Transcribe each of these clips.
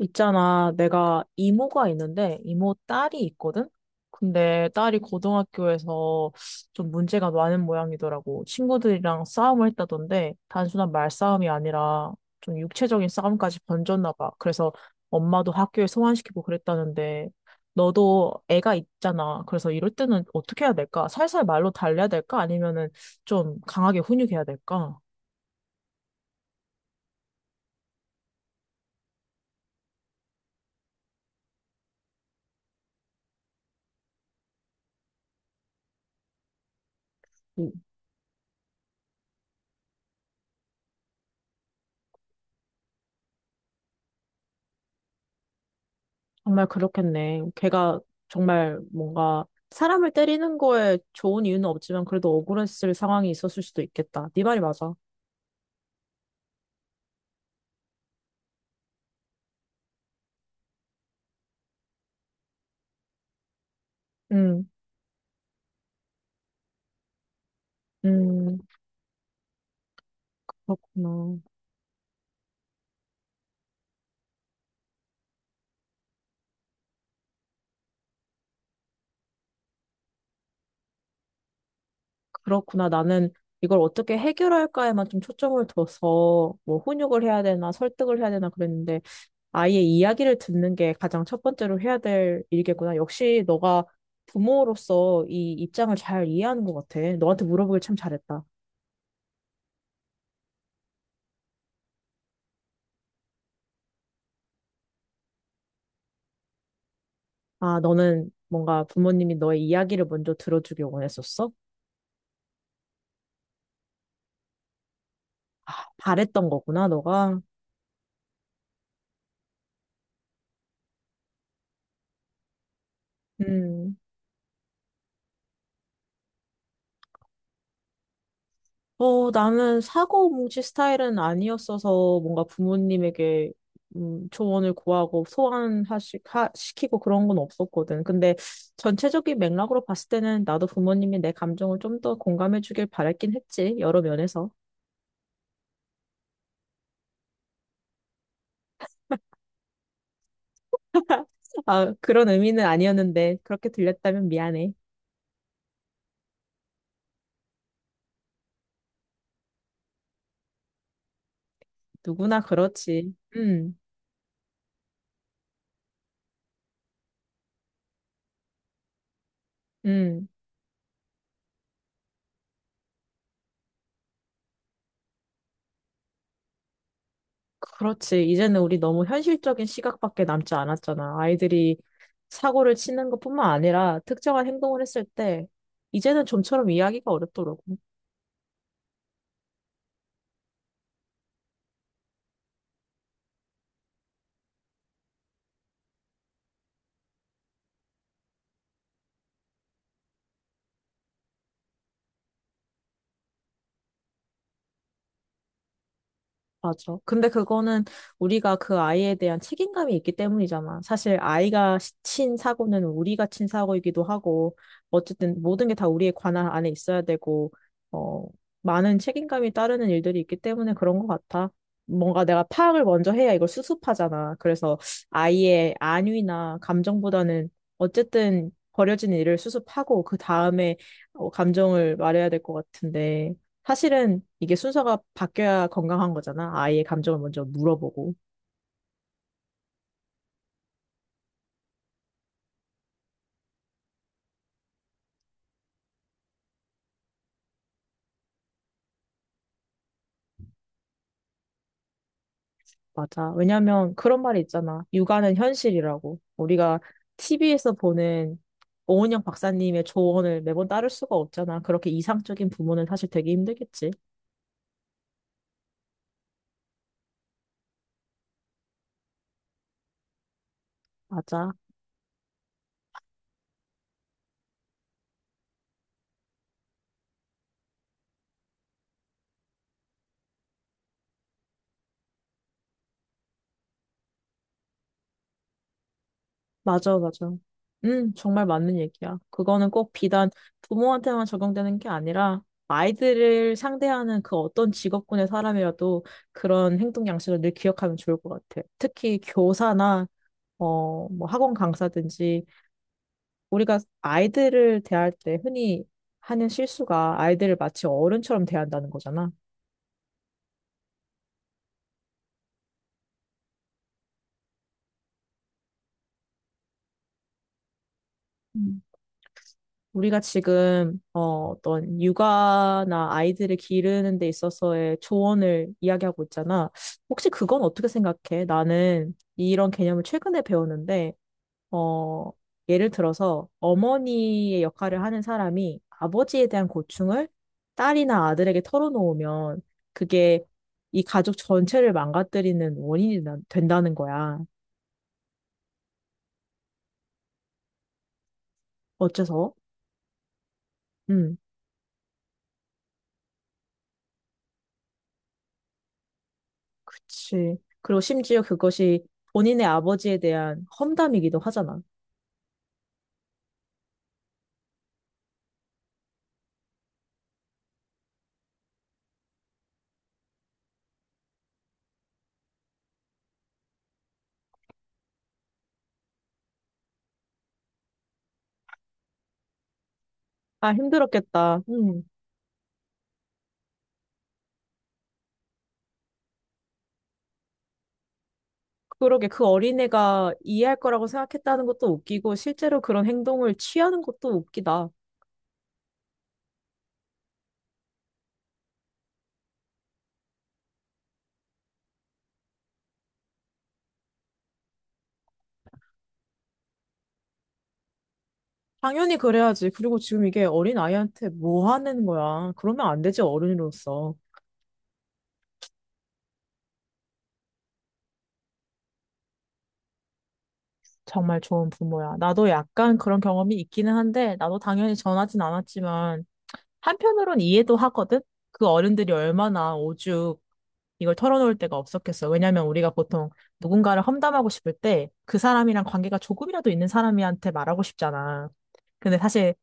있잖아, 내가 이모가 있는데, 이모 딸이 있거든? 근데 딸이 고등학교에서 좀 문제가 많은 모양이더라고. 친구들이랑 싸움을 했다던데, 단순한 말싸움이 아니라 좀 육체적인 싸움까지 번졌나 봐. 그래서 엄마도 학교에 소환시키고 그랬다는데, 너도 애가 있잖아. 그래서 이럴 때는 어떻게 해야 될까? 살살 말로 달래야 될까? 아니면은 좀 강하게 훈육해야 될까? 정말 그렇겠네. 걔가 정말 뭔가 사람을 때리는 거에 좋은 이유는 없지만 그래도 억울했을 상황이 있었을 수도 있겠다. 네 말이 맞아. 음, 음, 그렇구나. 그렇구나. 나는 이걸 어떻게 해결할까에만 좀 초점을 둬서 뭐 훈육을 해야 되나 설득을 해야 되나 그랬는데 아이의 이야기를 듣는 게 가장 첫 번째로 해야 될 일이겠구나. 역시 너가 부모로서 이 입장을 잘 이해하는 것 같아. 너한테 물어보길 참 잘했다. 아, 너는 뭔가 부모님이 너의 이야기를 먼저 들어주길 원했었어? 아, 바랬던 거구나, 너가. 음. 어, 나는 사고 뭉치 스타일은 아니었어서 뭔가 부모님에게 조언을 구하고 시키고 그런 건 없었거든. 근데 전체적인 맥락으로 봤을 때는 나도 부모님이 내 감정을 좀 더 공감해 주길 바랬긴 했지, 여러 면에서. 아, 그런 의미는 아니었는데, 그렇게 들렸다면 미안해. 누구나 그렇지. 음. 그렇지. 이제는 우리 너무 현실적인 시각밖에 남지 않았잖아. 아이들이 사고를 치는 것뿐만 아니라 특정한 행동을 했을 때 이제는 좀처럼 이해하기가 어렵더라고. 맞아. 근데 그거는 우리가 그 아이에 대한 책임감이 있기 때문이잖아. 사실 아이가 친 사고는 우리가 친 사고이기도 하고, 어쨌든 모든 게 다 우리의 관할 안에 있어야 되고, 어, 많은 책임감이 따르는 일들이 있기 때문에 그런 것 같아. 뭔가 내가 파악을 먼저 해야 이걸 수습하잖아. 그래서 아이의 안위나 감정보다는 어쨌든 버려진 일을 수습하고, 그 다음에 감정을 말해야 될 것 같은데. 사실은 이게 순서가 바뀌어야 건강한 거잖아. 아이의 감정을 먼저 물어보고. 맞아. 왜냐면 그런 말이 있잖아. 육아는 현실이라고. 우리가 TV에서 보는 오은영 박사님의 조언을 매번 따를 수가 없잖아. 그렇게 이상적인 부모는 사실 되게 힘들겠지. 맞아. 맞아, 맞아. 정말 맞는 얘기야. 그거는 꼭 비단 부모한테만 적용되는 게 아니라 아이들을 상대하는 그 어떤 직업군의 사람이라도 그런 행동 양식을 늘 기억하면 좋을 것 같아. 특히 교사나 뭐 학원 강사든지 우리가 아이들을 대할 때 흔히 하는 실수가 아이들을 마치 어른처럼 대한다는 거잖아. 우리가 지금 어떤 육아나 아이들을 기르는 데 있어서의 조언을 이야기하고 있잖아. 혹시 그건 어떻게 생각해? 나는 이런 개념을 최근에 배웠는데, 어, 예를 들어서 어머니의 역할을 하는 사람이 아버지에 대한 고충을 딸이나 아들에게 털어놓으면 그게 이 가족 전체를 망가뜨리는 원인이 된다는 거야. 어째서? 음. 그치. 그리고 심지어 그것이 본인의 아버지에 대한 험담이기도 하잖아. 아, 힘들었겠다. 음. 그러게 그 어린애가 이해할 거라고 생각했다는 것도 웃기고 실제로 그런 행동을 취하는 것도 웃기다. 당연히 그래야지. 그리고 지금 이게 어린 아이한테 뭐 하는 거야. 그러면 안 되지, 어른으로서. 정말 좋은 부모야. 나도 약간 그런 경험이 있기는 한데, 나도 당연히 전하진 않았지만, 한편으론 이해도 하거든? 그 어른들이 얼마나 오죽 이걸 털어놓을 데가 없었겠어. 왜냐면 우리가 보통 누군가를 험담하고 싶을 때 그 사람이랑 관계가 조금이라도 있는 사람한테 말하고 싶잖아. 근데 사실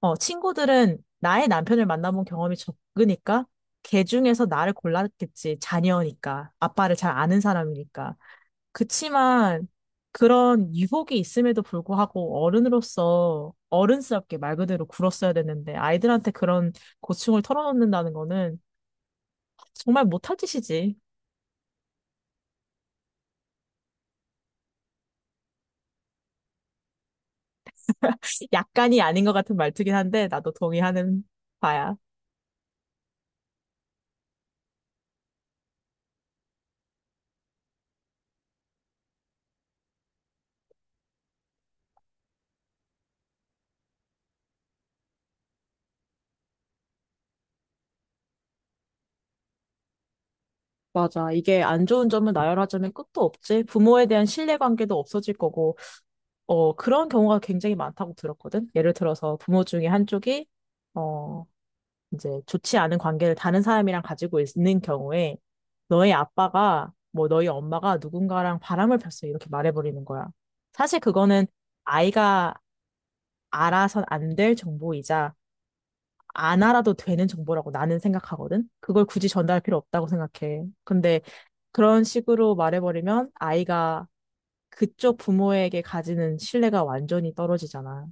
친구들은 나의 남편을 만나본 경험이 적으니까 걔 중에서 나를 골랐겠지. 자녀니까. 아빠를 잘 아는 사람이니까. 그치만 그런 유혹이 있음에도 불구하고 어른으로서 어른스럽게 말 그대로 굴었어야 되는데 아이들한테 그런 고충을 털어놓는다는 거는 정말 못할 짓이지. 약간이 아닌 것 같은 말투긴 한데, 나도 동의하는 바야. 맞아. 이게 안 좋은 점을 나열하자면 끝도 없지. 부모에 대한 신뢰관계도 없어질 거고, 그런 경우가 굉장히 많다고 들었거든. 예를 들어서 부모 중에 한쪽이, 어, 이제 좋지 않은 관계를 다른 사람이랑 가지고 있는 경우에, 너의 아빠가, 뭐 너희 엄마가 누군가랑 바람을 폈어. 이렇게 말해버리는 거야. 사실 그거는 아이가 알아선 안 될 정보이자, 안 알아도 되는 정보라고 나는 생각하거든? 그걸 굳이 전달할 필요 없다고 생각해. 근데 그런 식으로 말해버리면 아이가 그쪽 부모에게 가지는 신뢰가 완전히 떨어지잖아.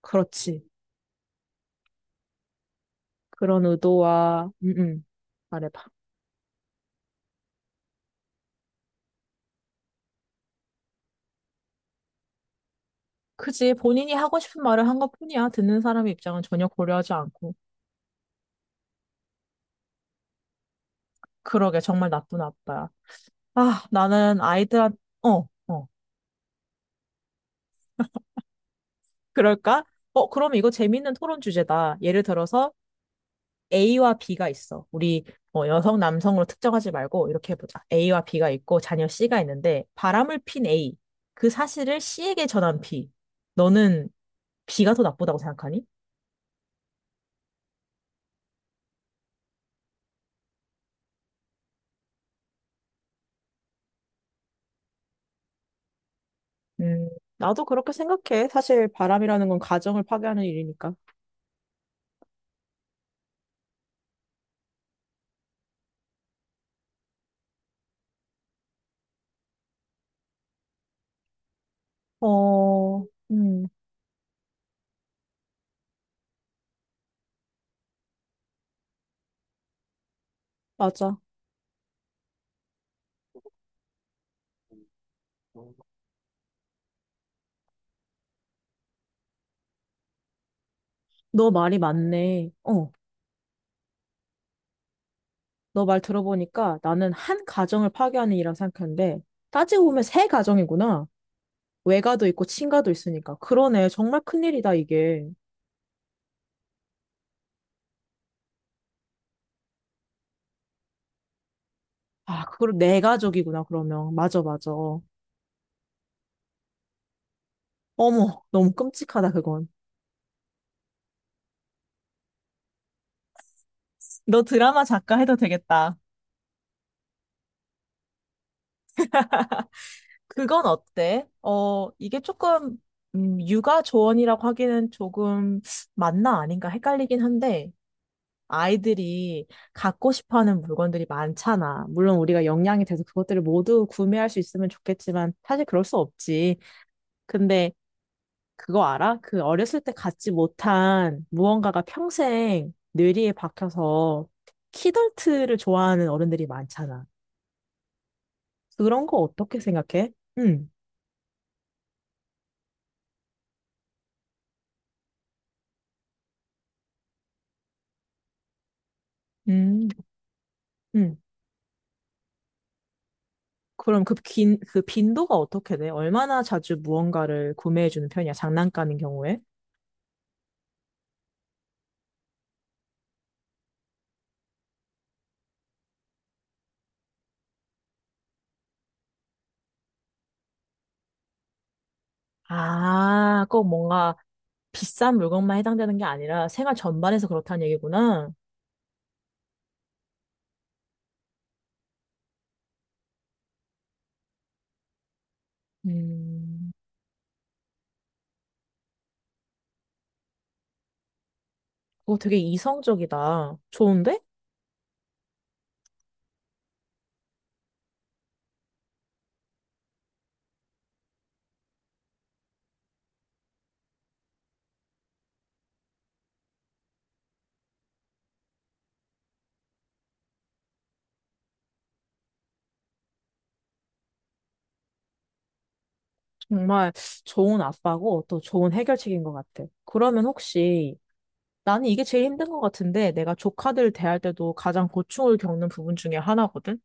그렇지. 그런 의도와. 말해봐. 그지. 본인이 하고 싶은 말을 한 것뿐이야. 듣는 사람의 입장은 전혀 고려하지 않고. 그러게, 정말 나쁜 아빠야. 아, 나는 아이들한, 어, 어. 그럴까? 그럼 이거 재밌는 토론 주제다. 예를 들어서, A와 B가 있어. 우리 여성, 남성으로 특정하지 말고 이렇게 해보자. A와 B가 있고 자녀 C가 있는데 바람을 핀 A. 그 사실을 C에게 전한 B. 너는 B가 더 나쁘다고 생각하니? 음, 나도 그렇게 생각해. 사실 바람이라는 건 가정을 파괴하는 일이니까. 어, 음, 맞아. 너 말이 맞네. 너 말 들어보니까 나는 한 가정을 파괴하는 일이라 생각했는데, 따지고 보면 세 가정이구나. 외가도 있고 친가도 있으니까. 그러네. 정말 큰일이다, 이게. 아, 그걸 내 가족이구나, 그러면. 맞아, 맞아. 어머, 너무 끔찍하다, 그건. 너 드라마 작가 해도 되겠다. 그건 어때? 이게 조금, 육아 조언이라고 하기는 조금 맞나 아닌가 헷갈리긴 한데, 아이들이 갖고 싶어 하는 물건들이 많잖아. 물론 우리가 역량이 돼서 그것들을 모두 구매할 수 있으면 좋겠지만, 사실 그럴 수 없지. 근데 그거 알아? 그 어렸을 때 갖지 못한 무언가가 평생 뇌리에 박혀서 키덜트를 좋아하는 어른들이 많잖아. 그런 거 어떻게 생각해? 응, 음, 응. 그럼 그 빈도가 어떻게 돼? 얼마나 자주 무언가를 구매해주는 편이야? 장난감인 경우에? 아, 꼭 뭔가 비싼 물건만 해당되는 게 아니라 생활 전반에서 그렇다는 얘기구나. 음, 그거 되게 이성적이다. 좋은데? 정말 좋은 아빠고 또 좋은 해결책인 것 같아. 그러면 혹시 나는 이게 제일 힘든 것 같은데 내가 조카들 대할 때도 가장 고충을 겪는 부분 중에 하나거든?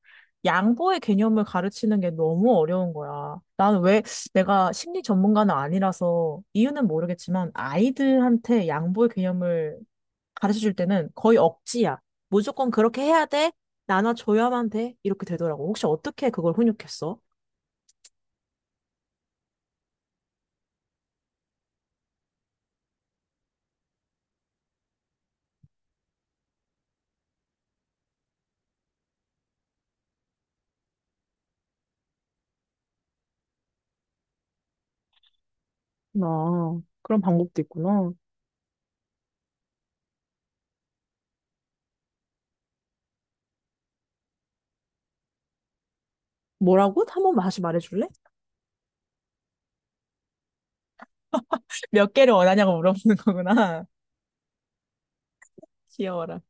양보의 개념을 가르치는 게 너무 어려운 거야. 나는 왜 내가 심리 전문가는 아니라서 이유는 모르겠지만 아이들한테 양보의 개념을 가르쳐 줄 때는 거의 억지야. 무조건 그렇게 해야 돼. 나눠줘야만 돼. 이렇게 되더라고. 혹시 어떻게 그걸 훈육했어? 아, 그런 방법도 있구나. 뭐라고? 한번 다시 말해줄래? 몇 개를 원하냐고 물어보는 거구나. 귀여워라.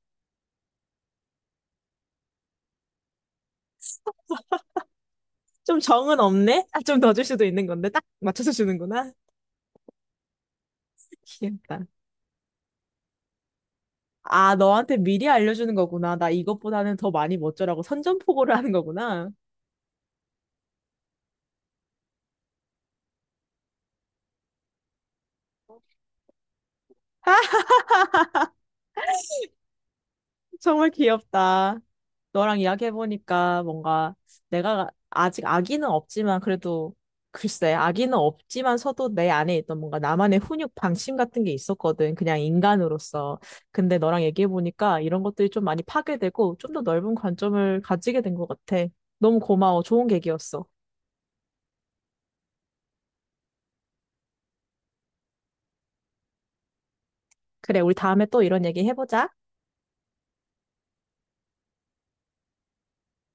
좀 정은 없네? 아, 좀 더 줄 수도 있는 건데. 딱 맞춰서 주는구나. 귀엽다. 아, 너한테 미리 알려주는 거구나. 나 이것보다는 더 많이 멋져라고 선전포고를 하는 거구나. 정말 귀엽다. 너랑 이야기해보니까 뭔가 내가 아직 아기는 없지만 그래도 글쎄, 아기는 없지만서도 내 안에 있던 뭔가 나만의 훈육 방침 같은 게 있었거든. 그냥 인간으로서. 근데 너랑 얘기해보니까 이런 것들이 좀 많이 파괴되고 좀 더 넓은 관점을 가지게 된 것 같아. 너무 고마워. 좋은 계기였어. 그래, 우리 다음에 또 이런 얘기 해보자.